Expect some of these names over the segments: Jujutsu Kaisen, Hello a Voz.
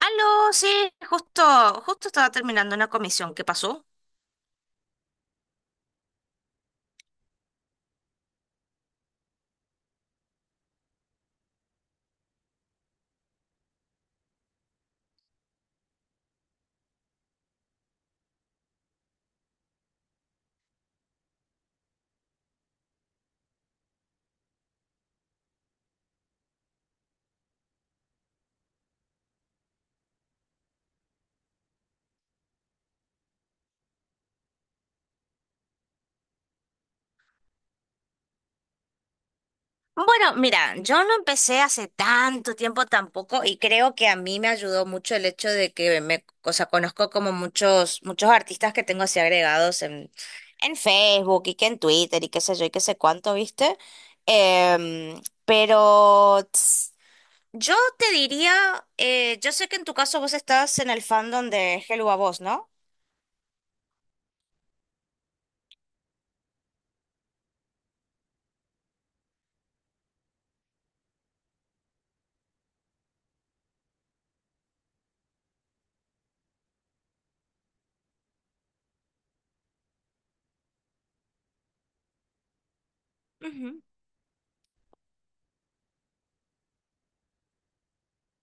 Aló, sí, justo, justo estaba terminando una comisión. ¿Qué pasó? Bueno, mira, yo no empecé hace tanto tiempo tampoco y creo que a mí me ayudó mucho el hecho de que o sea, conozco como muchos, muchos artistas que tengo así agregados en Facebook y que en Twitter y qué sé yo y qué sé cuánto, ¿viste? Pero yo te diría, yo sé que en tu caso vos estás en el fandom de Hello a Voz, ¿no?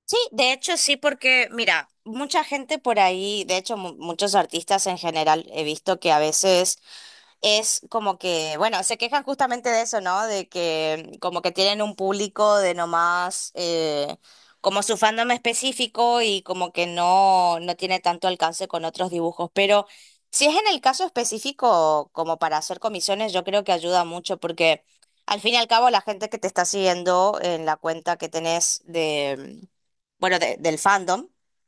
Sí, de hecho sí, porque mira, mucha gente por ahí, de hecho muchos artistas en general, he visto que a veces es como que, bueno, se quejan justamente de eso, ¿no? De que como que tienen un público de nomás, como su fandom específico y como que no tiene tanto alcance con otros dibujos. Pero si es en el caso específico, como para hacer comisiones, yo creo que ayuda mucho porque al fin y al cabo la gente que te está siguiendo en la cuenta que tenés bueno, del fandom,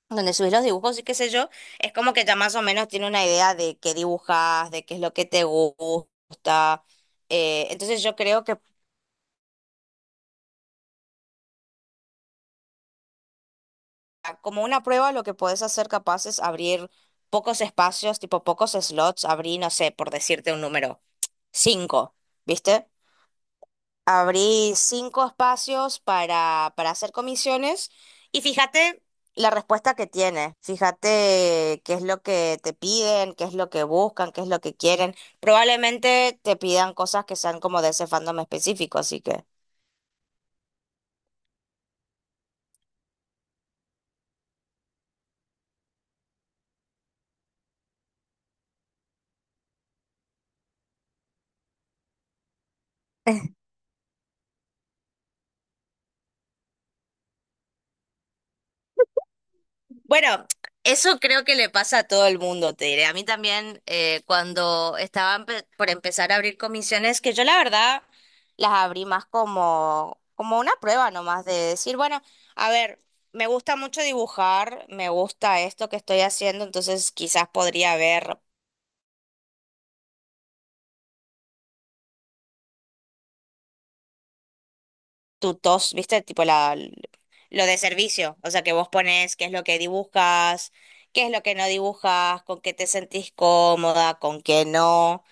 donde subís los dibujos y qué sé yo, es como que ya más o menos tiene una idea de qué dibujas, de qué es lo que te gusta. Entonces yo creo que como una prueba lo que podés hacer capaz es abrir pocos espacios, tipo pocos slots, abrí, no sé, por decirte un número, cinco, ¿viste? Abrí cinco espacios para hacer comisiones y fíjate la respuesta que tiene. Fíjate qué es lo que te piden, qué es lo que buscan, qué es lo que quieren. Probablemente te pidan cosas que sean como de ese fandom específico, así que. Bueno, eso creo que le pasa a todo el mundo, te diré. A mí también, cuando estaba por empezar a abrir comisiones, que yo la verdad las abrí más como una prueba nomás de decir, bueno, a ver, me gusta mucho dibujar, me gusta esto que estoy haciendo, entonces quizás podría ver tutos, ¿viste? Tipo lo de servicio, o sea, que vos pones qué es lo que dibujas, qué es lo que no dibujas, con qué te sentís cómoda, con qué no.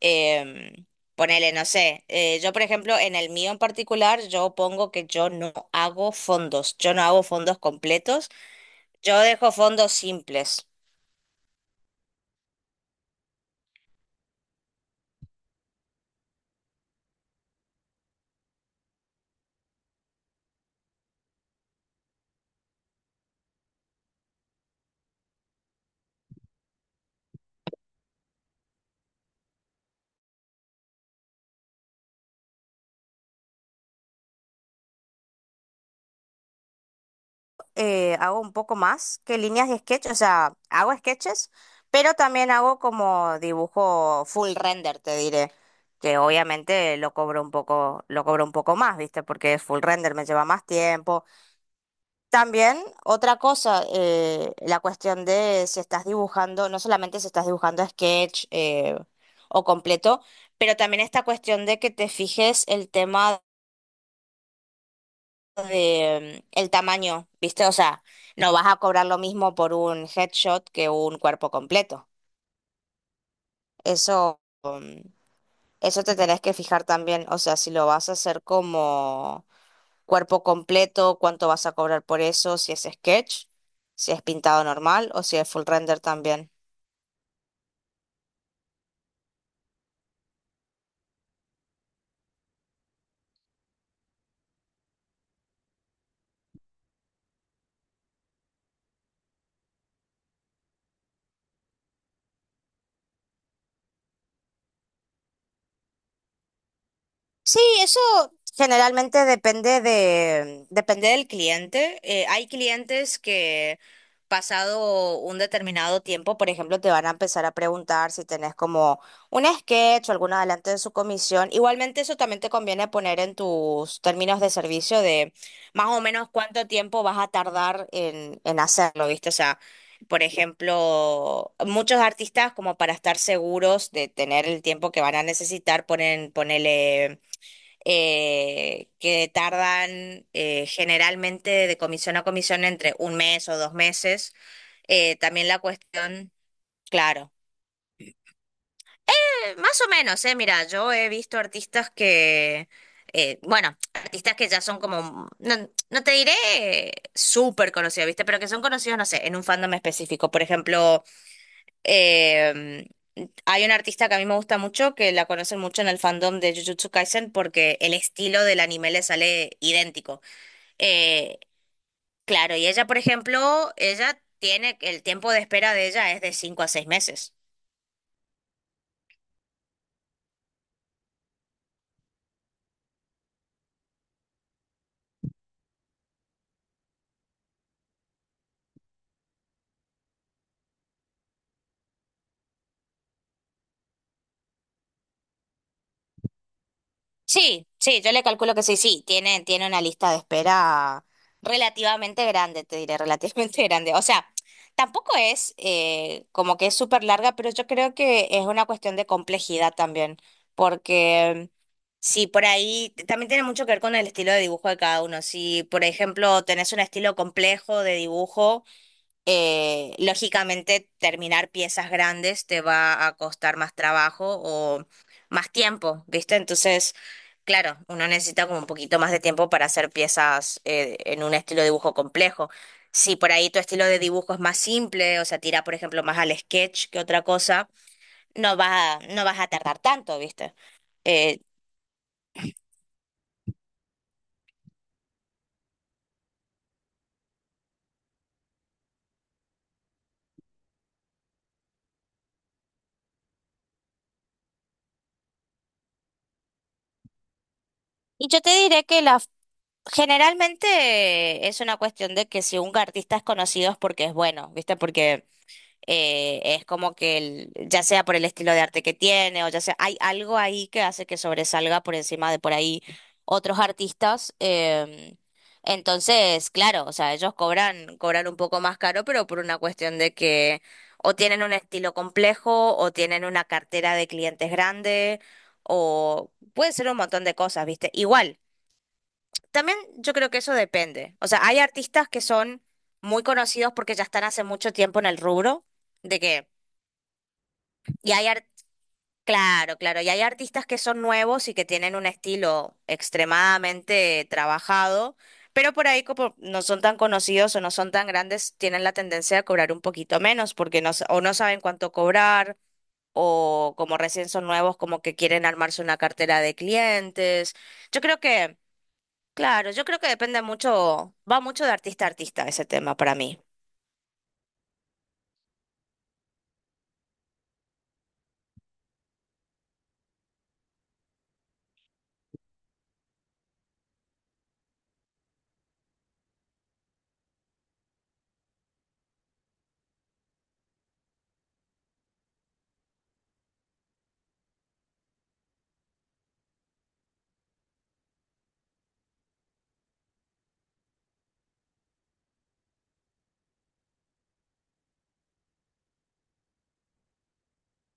Em, Ponele, no sé, yo por ejemplo, en el mío en particular, yo pongo que yo no hago fondos, yo no hago fondos completos, yo dejo fondos simples. Hago un poco más que líneas de sketch, o sea, hago sketches, pero también hago como dibujo full render, te diré, que obviamente lo cobro un poco, lo cobro un poco más, ¿viste? Porque es full render, me lleva más tiempo. También otra cosa, la cuestión de si estás dibujando, no solamente si estás dibujando sketch o completo, pero también esta cuestión de que te fijes el tema de el tamaño, ¿viste? O sea, no vas a cobrar lo mismo por un headshot que un cuerpo completo. Eso, eso te tenés que fijar también, o sea, si lo vas a hacer como cuerpo completo, cuánto vas a cobrar por eso, si es sketch, si es pintado normal o si es full render también. Sí, eso generalmente depende depende del cliente. Hay clientes que pasado un determinado tiempo, por ejemplo, te van a empezar a preguntar si tenés como un sketch o algún adelanto de su comisión. Igualmente eso también te conviene poner en tus términos de servicio de más o menos cuánto tiempo vas a tardar en hacerlo, ¿viste? O sea, por ejemplo, muchos artistas como para estar seguros de tener el tiempo que van a necesitar ponen, ponele que tardan generalmente de comisión a comisión entre un mes o dos meses. También la cuestión, claro, más o menos, mira, yo he visto artistas que, bueno, artistas que ya son como, no, no te diré súper conocidos, ¿viste? Pero que son conocidos, no sé, en un fandom específico. Por ejemplo, eh, hay un artista que a mí me gusta mucho, que la conocen mucho en el fandom de Jujutsu Kaisen porque el estilo del anime le sale idéntico. Eh, claro, y ella, por ejemplo, ella tiene, el tiempo de espera de ella es de cinco a seis meses. Sí, sí, yo le calculo que sí, sí, tiene una lista de espera relativamente grande, te diré, relativamente grande. O sea, tampoco es como que es súper larga, pero yo creo que es una cuestión de complejidad también, porque sí, por ahí también tiene mucho que ver con el estilo de dibujo de cada uno. Si, por ejemplo, tenés un estilo complejo de dibujo, lógicamente, terminar piezas grandes te va a costar más trabajo o más tiempo, ¿viste? Entonces, claro, uno necesita como un poquito más de tiempo para hacer piezas en un estilo de dibujo complejo. Si por ahí tu estilo de dibujo es más simple, o sea, tira, por ejemplo, más al sketch que otra cosa, no vas a tardar tanto, ¿viste? Eh, y yo te diré que la, generalmente es una cuestión de que si un artista es conocido es porque es bueno, ¿viste? Porque es como que ya sea por el estilo de arte que tiene o ya sea, hay algo ahí que hace que sobresalga por encima de por ahí otros artistas. Entonces, claro, o sea, ellos cobran un poco más caro, pero por una cuestión de que o tienen un estilo complejo o tienen una cartera de clientes grande o puede ser un montón de cosas, ¿viste? Igual, también yo creo que eso depende. O sea, hay artistas que son muy conocidos porque ya están hace mucho tiempo en el rubro, de que y hay, ar- claro, claro, y hay artistas que son nuevos y que tienen un estilo extremadamente trabajado, pero por ahí como no son tan conocidos o no son tan grandes, tienen la tendencia a cobrar un poquito menos porque o no saben cuánto cobrar o como recién son nuevos, como que quieren armarse una cartera de clientes. Yo creo que, claro, yo creo que depende mucho, va mucho de artista a artista ese tema para mí.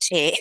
Sí.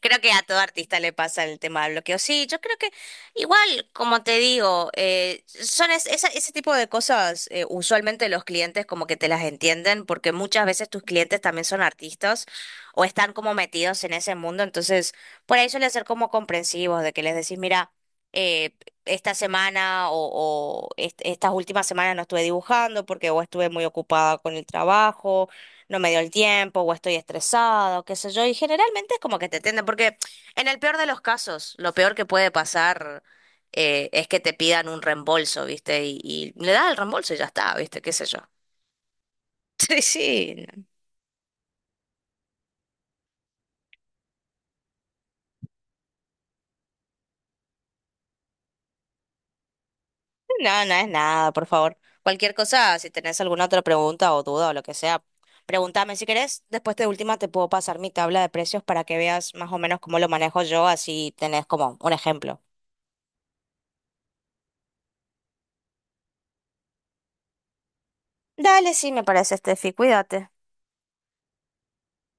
Creo que a todo artista le pasa el tema del bloqueo. Sí, yo creo que igual, como te digo, son ese tipo de cosas, usualmente los clientes como que te las entienden, porque muchas veces tus clientes también son artistas o están como metidos en ese mundo, entonces por ahí suele ser como comprensivos, de que les decís, mira, eh, esta semana o estas últimas semanas no estuve dibujando porque o estuve muy ocupada con el trabajo no me dio el tiempo o estoy estresado, qué sé yo, y generalmente es como que te atienden, porque en el peor de los casos, lo peor que puede pasar es que te pidan un reembolso, ¿viste? Y le das el reembolso y ya está, ¿viste? ¿Qué sé yo? Sí, sí, no, no no es nada, por favor. Cualquier cosa, si tenés alguna otra pregunta o duda o lo que sea, pregúntame si querés. Después de última te puedo pasar mi tabla de precios para que veas más o menos cómo lo manejo yo, así tenés como un ejemplo. Dale, sí, me parece, Steffi, cuídate.